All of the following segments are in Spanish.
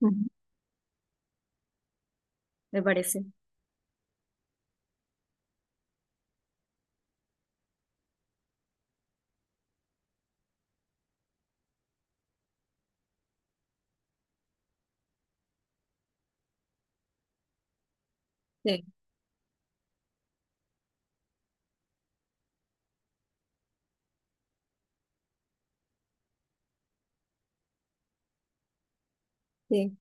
Ujú. Me parece. Sí, sí.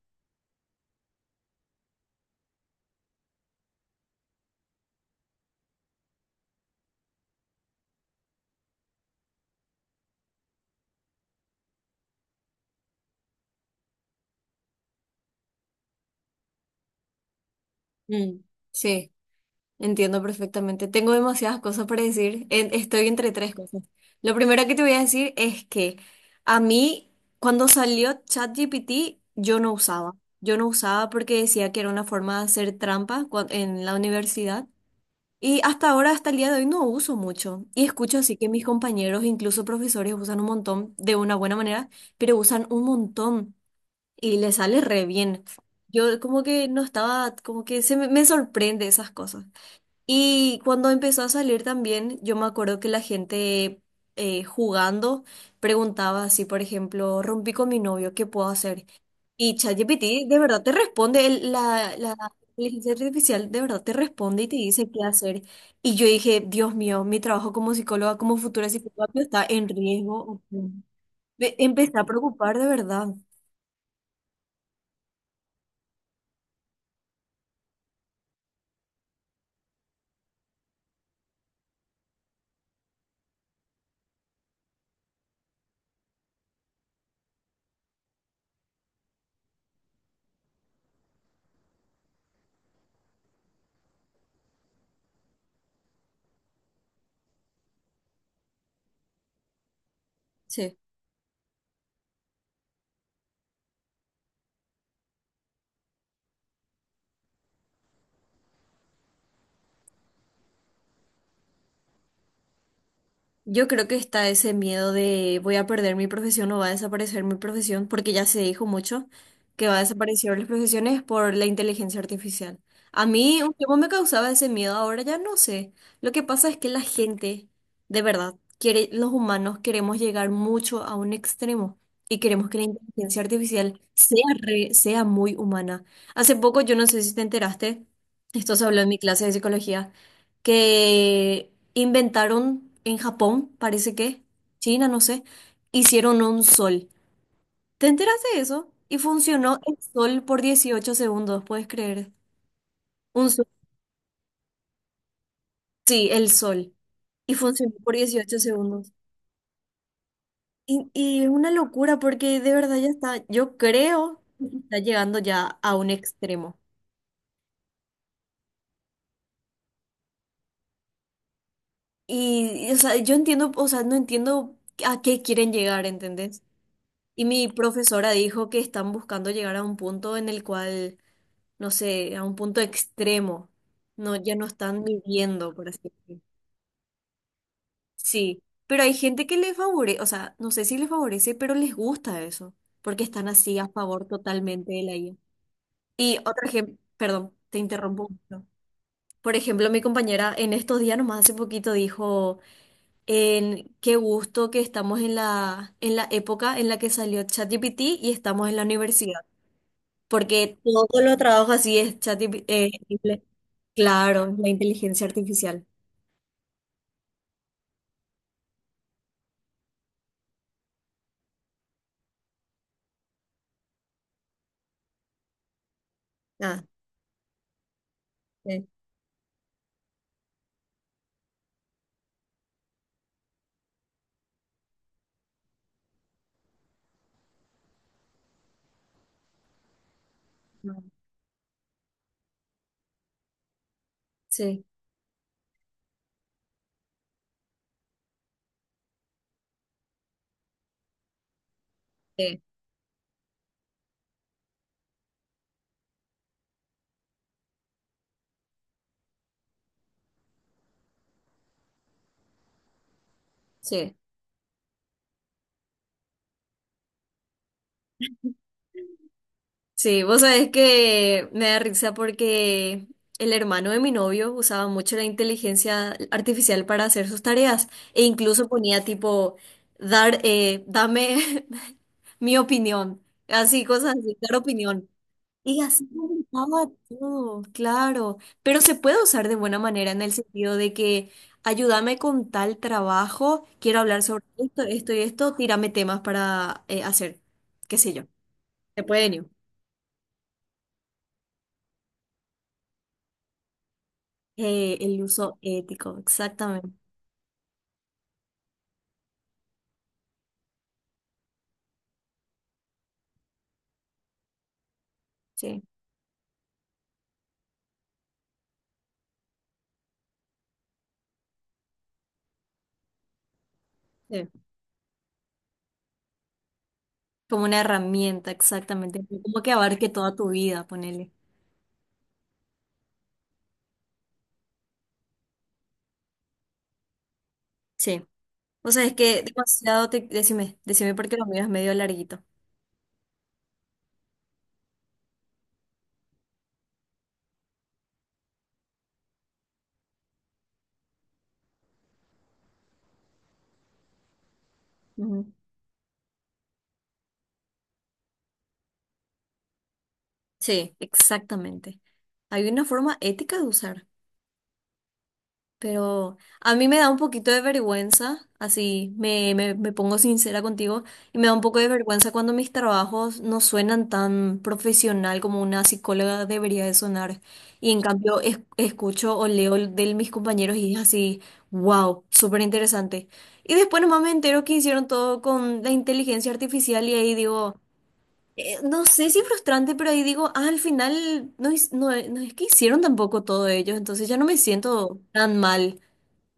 Mm, sí, entiendo perfectamente. Tengo demasiadas cosas para decir. Estoy entre tres cosas. Lo primero que te voy a decir es que a mí, cuando salió ChatGPT, yo no usaba. Yo no usaba porque decía que era una forma de hacer trampa en la universidad. Y hasta ahora, hasta el día de hoy, no uso mucho. Y escucho así que mis compañeros, incluso profesores, usan un montón de una buena manera, pero usan un montón. Y le sale re bien. Yo como que no estaba, como que me sorprende esas cosas. Y cuando empezó a salir también, yo me acuerdo que la gente jugando preguntaba así, por ejemplo, rompí con mi novio, ¿qué puedo hacer? Y ChatGPT de verdad te responde, la inteligencia artificial de verdad te responde y te dice qué hacer. Y yo dije, Dios mío, mi trabajo como psicóloga, como futura psicóloga está en riesgo. Me empecé a preocupar de verdad. Sí. Yo creo que está ese miedo de voy a perder mi profesión o va a desaparecer mi profesión, porque ya se dijo mucho que va a desaparecer las profesiones por la inteligencia artificial. A mí un tiempo me causaba ese miedo, ahora ya no sé. Lo que pasa es que la gente, de verdad, quiere, los humanos queremos llegar mucho a un extremo y queremos que la inteligencia artificial sea muy humana. Hace poco, yo no sé si te enteraste, esto se habló en mi clase de psicología que inventaron en Japón, parece que, China, no sé, hicieron un sol. ¿Te enteraste de eso? Y funcionó el sol por 18 segundos, ¿puedes creer? Un sol, sí, el sol. Y funcionó por 18 segundos. Y es una locura porque de verdad ya está, yo creo que está llegando ya a un extremo. O sea, yo entiendo, o sea, no entiendo a qué quieren llegar, ¿entendés? Y mi profesora dijo que están buscando llegar a un punto en el cual no sé, a un punto extremo. No, ya no están viviendo, por así decirlo. Sí, pero hay gente que les favorece, o sea, no sé si les favorece, pero les gusta eso, porque están así a favor totalmente de la IA. Y otro ejemplo, perdón, te interrumpo un poquito. Por ejemplo, mi compañera en estos días, nomás hace poquito, dijo, en qué gusto que estamos en la época en la que salió ChatGPT y estamos en la universidad. Porque todo lo trabajo así es chat, simple. Claro, la inteligencia artificial. Ah, sí, no, sí, sí, sí. Sí, vos sabés que me da risa porque el hermano de mi novio usaba mucho la inteligencia artificial para hacer sus tareas e incluso ponía tipo, dame mi opinión, así, cosas así, dar opinión. Y así comenzaba todo, claro. Pero se puede usar de buena manera en el sentido de que ayúdame con tal trabajo, quiero hablar sobre esto, esto y esto, tírame temas para hacer, qué sé yo. Se pueden ir. El uso ético, exactamente. Sí, sí. Como una herramienta, exactamente. Como que abarque toda tu vida, ponele. Sí. O sea, es que demasiado te. Decime, decime porque lo miras medio larguito. Ujú. Sí, exactamente. Hay una forma ética de usar. Pero a mí me da un poquito de vergüenza, así me pongo sincera contigo, y me da un poco de vergüenza cuando mis trabajos no suenan tan profesional como una psicóloga debería de sonar. Y en cambio escucho o leo de mis compañeros y es así, wow, súper interesante. Y después nomás me entero que hicieron todo con la inteligencia artificial y ahí digo, no sé si frustrante, pero ahí digo, ah, al final no, no, no es que hicieron tampoco todo ellos, entonces ya no me siento tan mal.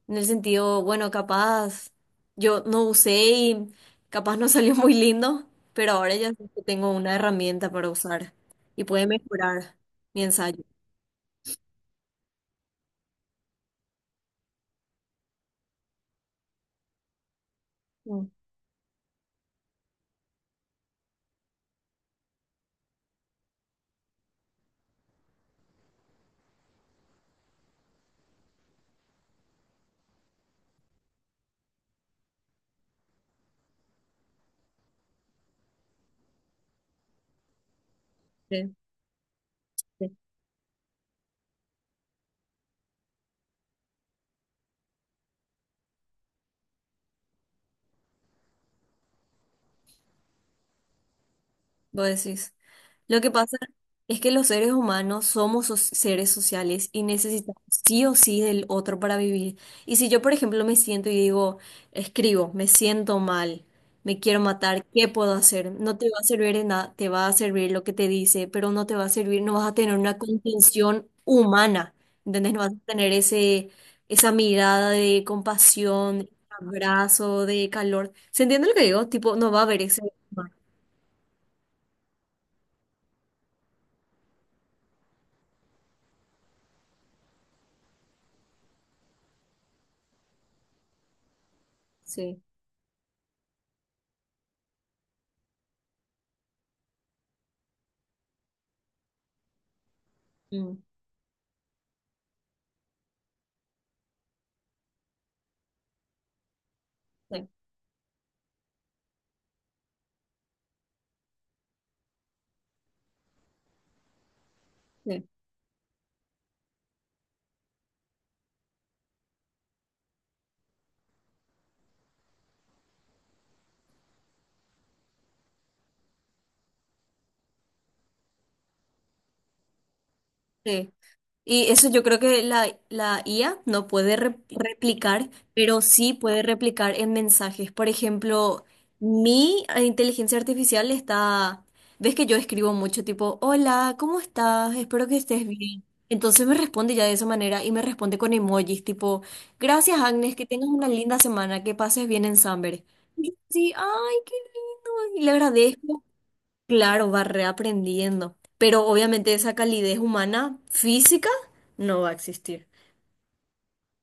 En el sentido, bueno, capaz yo no usé y capaz no salió muy lindo, pero ahora ya sé que tengo una herramienta para usar y puede mejorar mi ensayo. Mm, sí, sí. Vos decís. Lo que pasa es que los seres humanos somos seres sociales y necesitamos sí o sí del otro para vivir. Y si yo, por ejemplo, me siento y digo, escribo, me siento mal, me quiero matar, ¿qué puedo hacer? No te va a servir de nada, te va a servir lo que te dice, pero no te va a servir, no vas a tener una contención humana, ¿entendés? No vas a tener esa mirada de compasión, de abrazo, de calor. ¿Se entiende lo que digo? Tipo, no va a haber ese. Sí. Mm, sí, sí. Sí, y eso yo creo que la IA no puede replicar, pero sí puede replicar en mensajes. Por ejemplo, mi inteligencia artificial está, ves que yo escribo mucho tipo, hola, ¿cómo estás? Espero que estés bien. Entonces me responde ya de esa manera y me responde con emojis tipo, gracias Agnes, que tengas una linda semana, que pases bien en Samber. Y yo así, ay, qué lindo, y le agradezco. Claro, va reaprendiendo, pero obviamente esa calidez humana física no va a existir.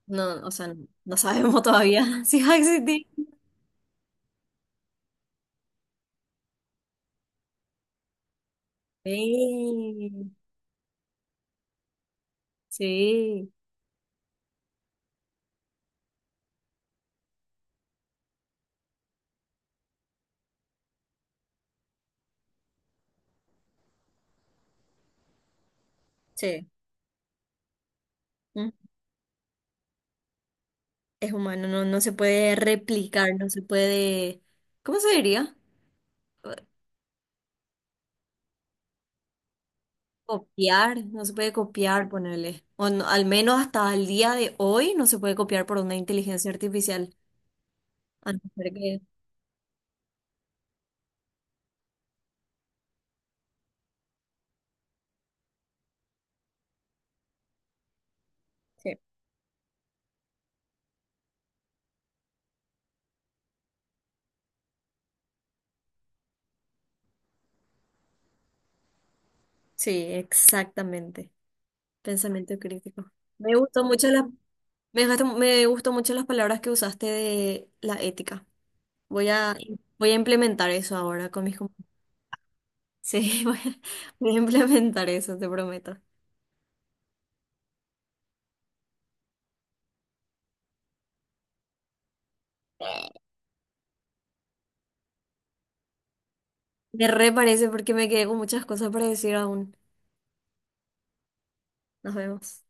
No, o sea, no no sabemos todavía si va a existir. Sí, sí, sí. Mm. Es humano, no, no se puede replicar, no se puede, ¿cómo se diría? Copiar, no se puede copiar, ponerle. O no- al menos hasta el día de hoy no se puede copiar por una inteligencia artificial. A no ser que. Sí, sí, exactamente. Pensamiento crítico. Me gustó mucho la, me gustó mucho las palabras que usaste de la ética. Voy a, voy a implementar eso ahora con mis compañeros. Sí, voy a implementar eso, te prometo. Me re parece porque me quedé con muchas cosas para decir aún. Nos vemos.